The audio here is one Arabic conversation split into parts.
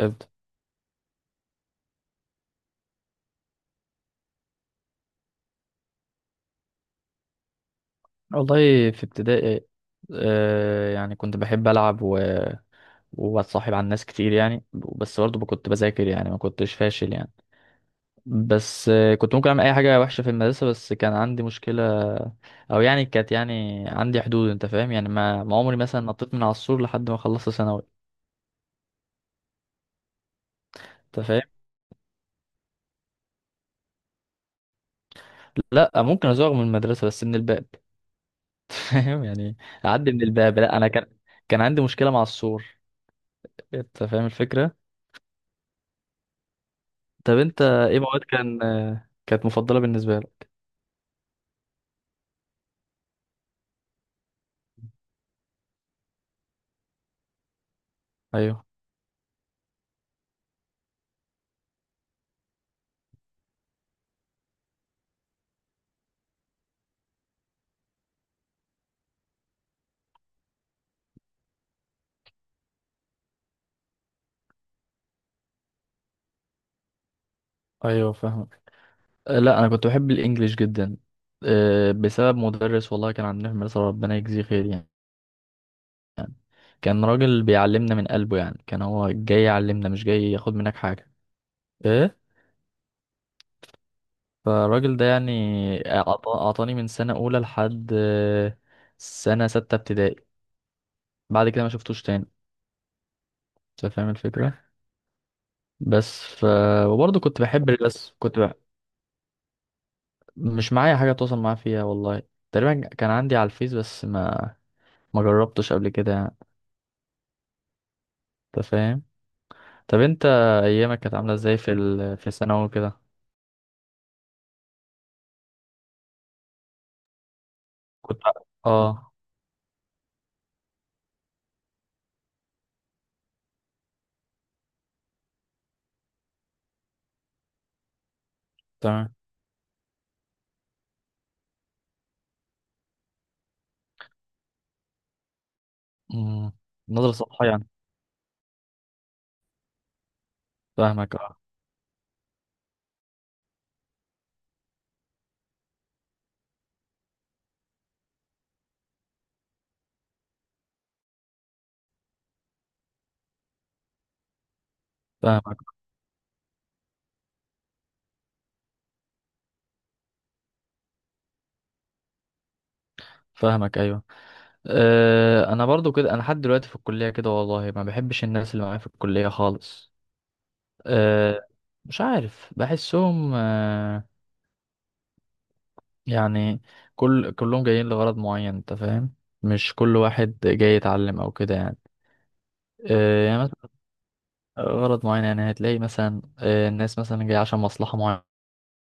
ابدأ. والله في ابتدائي، كنت بحب ألعب وأتصاحب على الناس كتير يعني، بس برضه كنت بذاكر يعني، ما كنتش فاشل يعني. بس آه، كنت ممكن أعمل أي حاجة وحشة في المدرسة، بس كان عندي مشكلة أو يعني كانت يعني عندي حدود. أنت فاهم يعني، ما عمري مثلا نطيت من على السور لحد ما خلصت ثانوي. أنت فاهم، لا ممكن أزوغ من المدرسة بس من الباب. فاهم يعني، أعدي من الباب. لا أنا كان، كان عندي مشكلة مع السور. أنت فاهم الفكرة. طب انت ايه مواد كانت مفضلة بالنسبة لك؟ ايوه، ايوه فاهم. لا انا كنت بحب الانجليش جدا، آه، بسبب مدرس والله كان عندنا في المدرسة، ربنا يجزيه خير يعني. كان راجل بيعلمنا من قلبه يعني، كان هو جاي يعلمنا مش جاي ياخد منك حاجة. ايه، فالراجل ده يعني اعطاني من سنة اولى لحد آه، سنة ستة ابتدائي. بعد كده ما شفتوش تاني. انت فاهم الفكرة. بس ف وبرضه كنت بحب الرسم. مش معايا حاجة اتواصل معاه فيها والله. تقريبا كان عندي على الفيس، بس ما ما جربتش قبل كده يعني. انت فاهم. طب انت، ايامك كانت عاملة ازاي في في الثانوي كده؟ كنت، اه. تمام. مم. نظرة سطحية يعني. فاهمك، اه. فاهمك. فاهمك ايوه. أه، انا برضو كده، انا لحد دلوقتي في الكلية كده، والله ما بحبش الناس اللي معايا في الكلية خالص. أه، مش عارف بحسهم آه، يعني كلهم جايين لغرض معين، انت فاهم؟ مش كل واحد جاي يتعلم او كده يعني. آه، يعني مثلا غرض معين، يعني هتلاقي مثلا آه، الناس مثلا جاية عشان مصلحة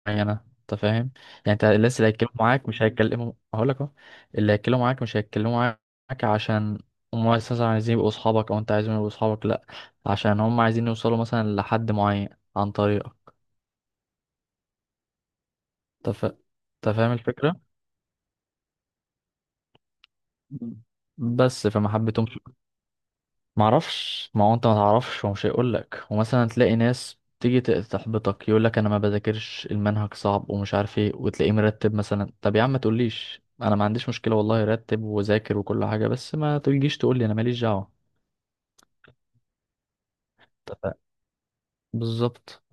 معينة، انت فاهم؟ يعني انت الناس اللي هيتكلموا معاك مش هيتكلموا، هقول لك اهو، اللي هيتكلموا معاك مش هيتكلموا معاك عشان هم اساسا عايزين يبقوا اصحابك او انت عايزهم يبقوا اصحابك، لا، عشان هم عايزين يوصلوا مثلا لحد معين عن طريقك. انت فا- انت فاهم الفكرة. مم. بس فما حبيتهمش. معرفش، ما هو انت ما تعرفش ومش هيقول لك، ومثلا تلاقي ناس تيجي تحبطك، يقول لك انا ما بذاكرش، المنهج صعب ومش عارف ايه، وتلاقيه مرتب مثلا. طب يا عم ما تقوليش، انا ما عنديش مشكله والله، رتب وذاكر وكل حاجه، بس ما تجيش تقول لي انا ماليش دعوه. اتفقنا. بالظبط.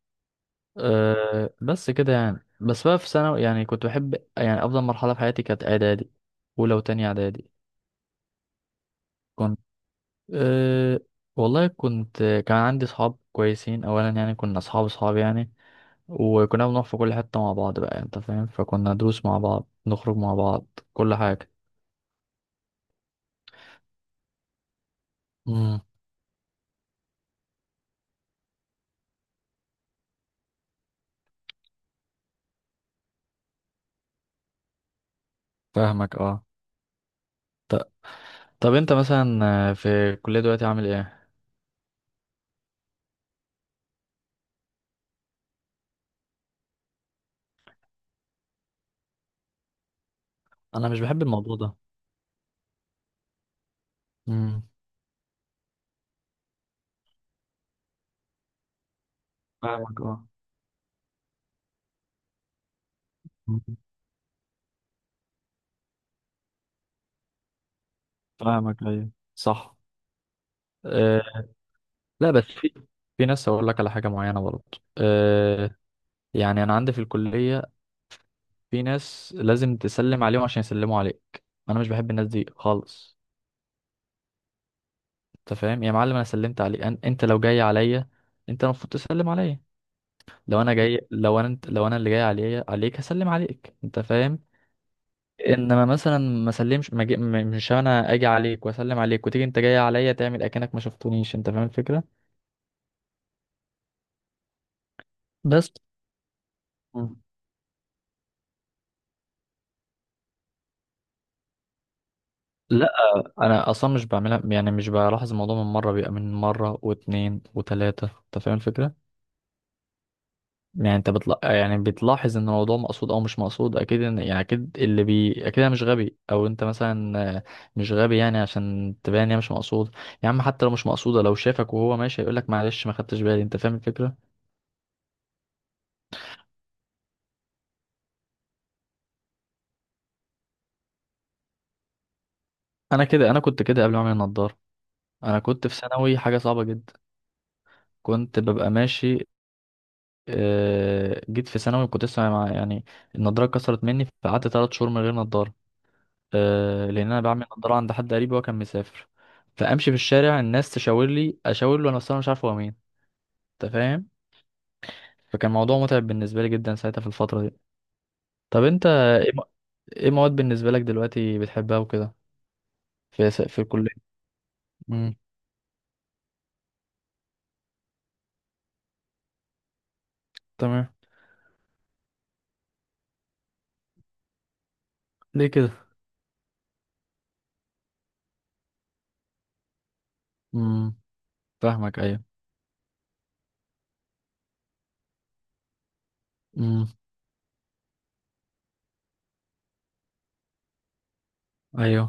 أه بس كده يعني. بس بقى في ثانوي يعني كنت بحب، يعني افضل مرحله في حياتي كانت اعدادي، اولى وتانية اعدادي. كنت، أه، والله كنت، كان عندي صحاب كويسين اولا يعني، كنا اصحاب اصحاب يعني. وكنا بنروح في كل حتة مع بعض بقى، انت فاهم؟ فكنا دروس مع بعض، نخرج مع بعض، كل حاجة. امم. فاهمك اه. ط- طب انت مثلا آه، في الكلية دلوقتي عامل ايه؟ انا مش بحب الموضوع ده. امم. فاهمك اه. مم. فاهمك ايوه صح. أه. لا بس في، في ناس هقول لك على حاجة معينة برضه. أه، يعني انا عندي في الكلية، في ناس لازم تسلم عليهم عشان يسلموا عليك. انا مش بحب الناس دي خالص. انت فاهم يا معلم، انا سلمت عليك انت لو جاي عليا، انت المفروض تسلم عليا. لو انا جاي، لو انا لو انا اللي جاي عليا عليك هسلم عليك، انت فاهم؟ انما مثلا ما سلمش، ما جي... مش انا اجي عليك واسلم عليك، وتيجي انت جاي عليا تعمل اكنك ما شفتونيش، انت فاهم الفكره؟ بس. مم. لا انا اصلا مش بعملها يعني، مش بلاحظ الموضوع من مره، بيبقى من مره واتنين وتلاته، انت فاهم الفكره؟ يعني يعني بتلاحظ ان الموضوع مقصود او مش مقصود. يعني اكيد اللي بي اكيد انا مش غبي او انت مثلا آه، مش غبي يعني، عشان تبان ان هي مش مقصود. يا عم حتى لو مش مقصوده، لو شافك وهو ماشي هيقول لك معلش ما خدتش بالي، انت فاهم الفكره؟ انا كده، انا كنت كده قبل ما اعمل النضاره. انا كنت في ثانوي حاجه صعبه جدا. كنت ببقى ماشي آه، جيت في ثانوي كنت لسه مع يعني، النضاره اتكسرت مني فقعدت ثلاث شهور من غير نضاره. آه، لان انا بعمل نضاره عند حد قريب وهو كان مسافر. فامشي في الشارع الناس تشاور لي اشاور له، انا اصلا مش عارف هو مين. انت فاهم؟ فكان موضوع متعب بالنسبه لي جدا ساعتها في الفتره دي. طب انت ايه إيه مواد بالنسبه لك دلوقتي بتحبها وكده، في في الكليه؟ امم. تمام. ليه كده؟ امم. فاهمك ايوه. امم. ايوه.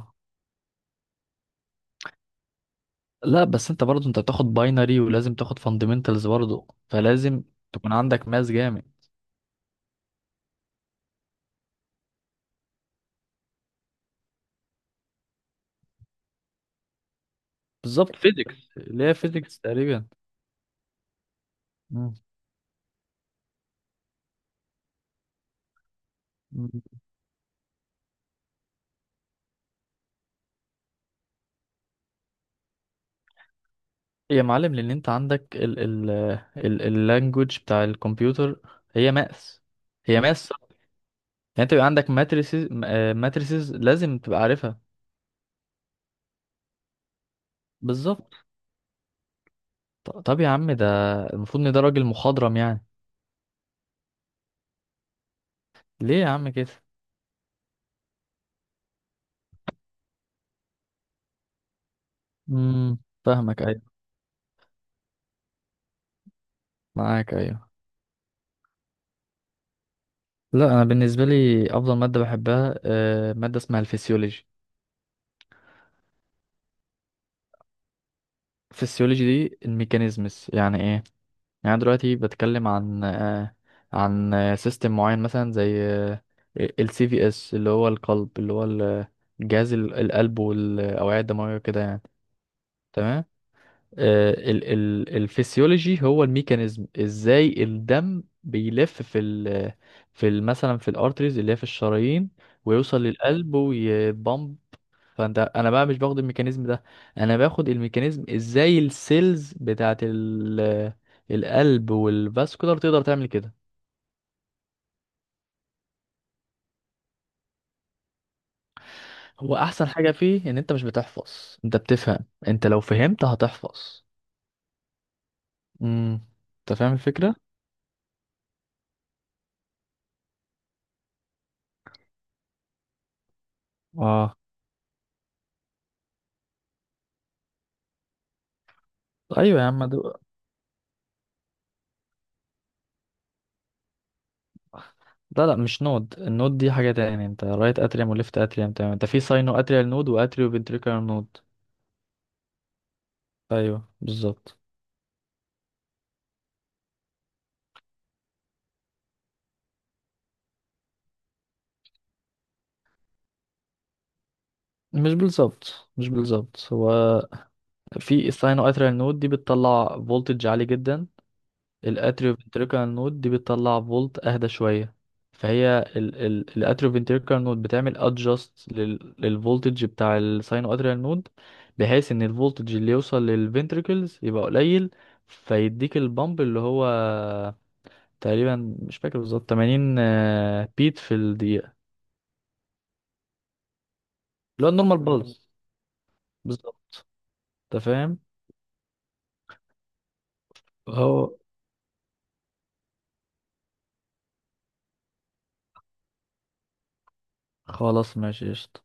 لا بس انت برضه انت بتاخد باينري ولازم تاخد فاندمنتالز برضه، فلازم تكون عندك ماس جامد. بالظبط، فيزيكس، اللي هي فيزيكس تقريبا. مم. يا معلم، لان انت عندك ال ال اللانجوج بتاع الكمبيوتر، هي ماس، هي ماس. يعني انت بيبقى عندك ماتريسز، ماتريسز لازم تبقى عارفها. بالظبط. طب يا عم، ده المفروض ان ده راجل مخضرم يعني. ليه يا عم كده؟ امم. فاهمك ايوه. معاك ايوه. لا انا بالنسبه لي افضل ماده بحبها آه، ماده اسمها الفسيولوجي. الفسيولوجي دي الميكانيزمز، يعني ايه؟ يعني أنا دلوقتي بتكلم عن آه، عن سيستم معين مثلا زي السي في اس، اللي هو القلب، اللي هو جهاز القلب والاوعيه الدمويه وكده يعني. تمام. آه، ال ال الفسيولوجي هو الميكانيزم ازاي الدم بيلف في ال، في ال مثلا في الارتريز اللي هي في الشرايين، ويوصل للقلب ويتبمب. فانت، انا بقى مش باخد الميكانيزم ده، انا باخد الميكانيزم ازاي السيلز بتاعت ال القلب والفاسكولار تقدر تعمل كده. هو احسن حاجه فيه ان انت مش بتحفظ، انت بتفهم، انت لو فهمت هتحفظ. امم. انت فاهم الفكره. اه. ايوه يا عم ده، لا لا مش نود، النود دي حاجه تاني، انت رايت اتريوم وليفت اتريوم تمام، انت في ساينو اتريال نود واتريو فنتريكولار نود. ايوه بالظبط. مش بالظبط هو، في الساينو اتريال نود دي بتطلع فولتج عالي جدا. الاتريو فينتريكال نود دي بتطلع فولت اهدى شويه، فهي الاتريو فينتريكال نود بتعمل ادجاست للفولتج بتاع الساينو اتريال نود، بحيث ان الفولتج اللي يوصل للفنتريكلز يبقى قليل. فيديك البامب اللي هو تقريبا مش فاكر بالظبط 80 بيت في الدقيقه، اللي هو النورمال. مم. بالز. بالظبط. انت فاهم. هو خلاص ماشي قشطة.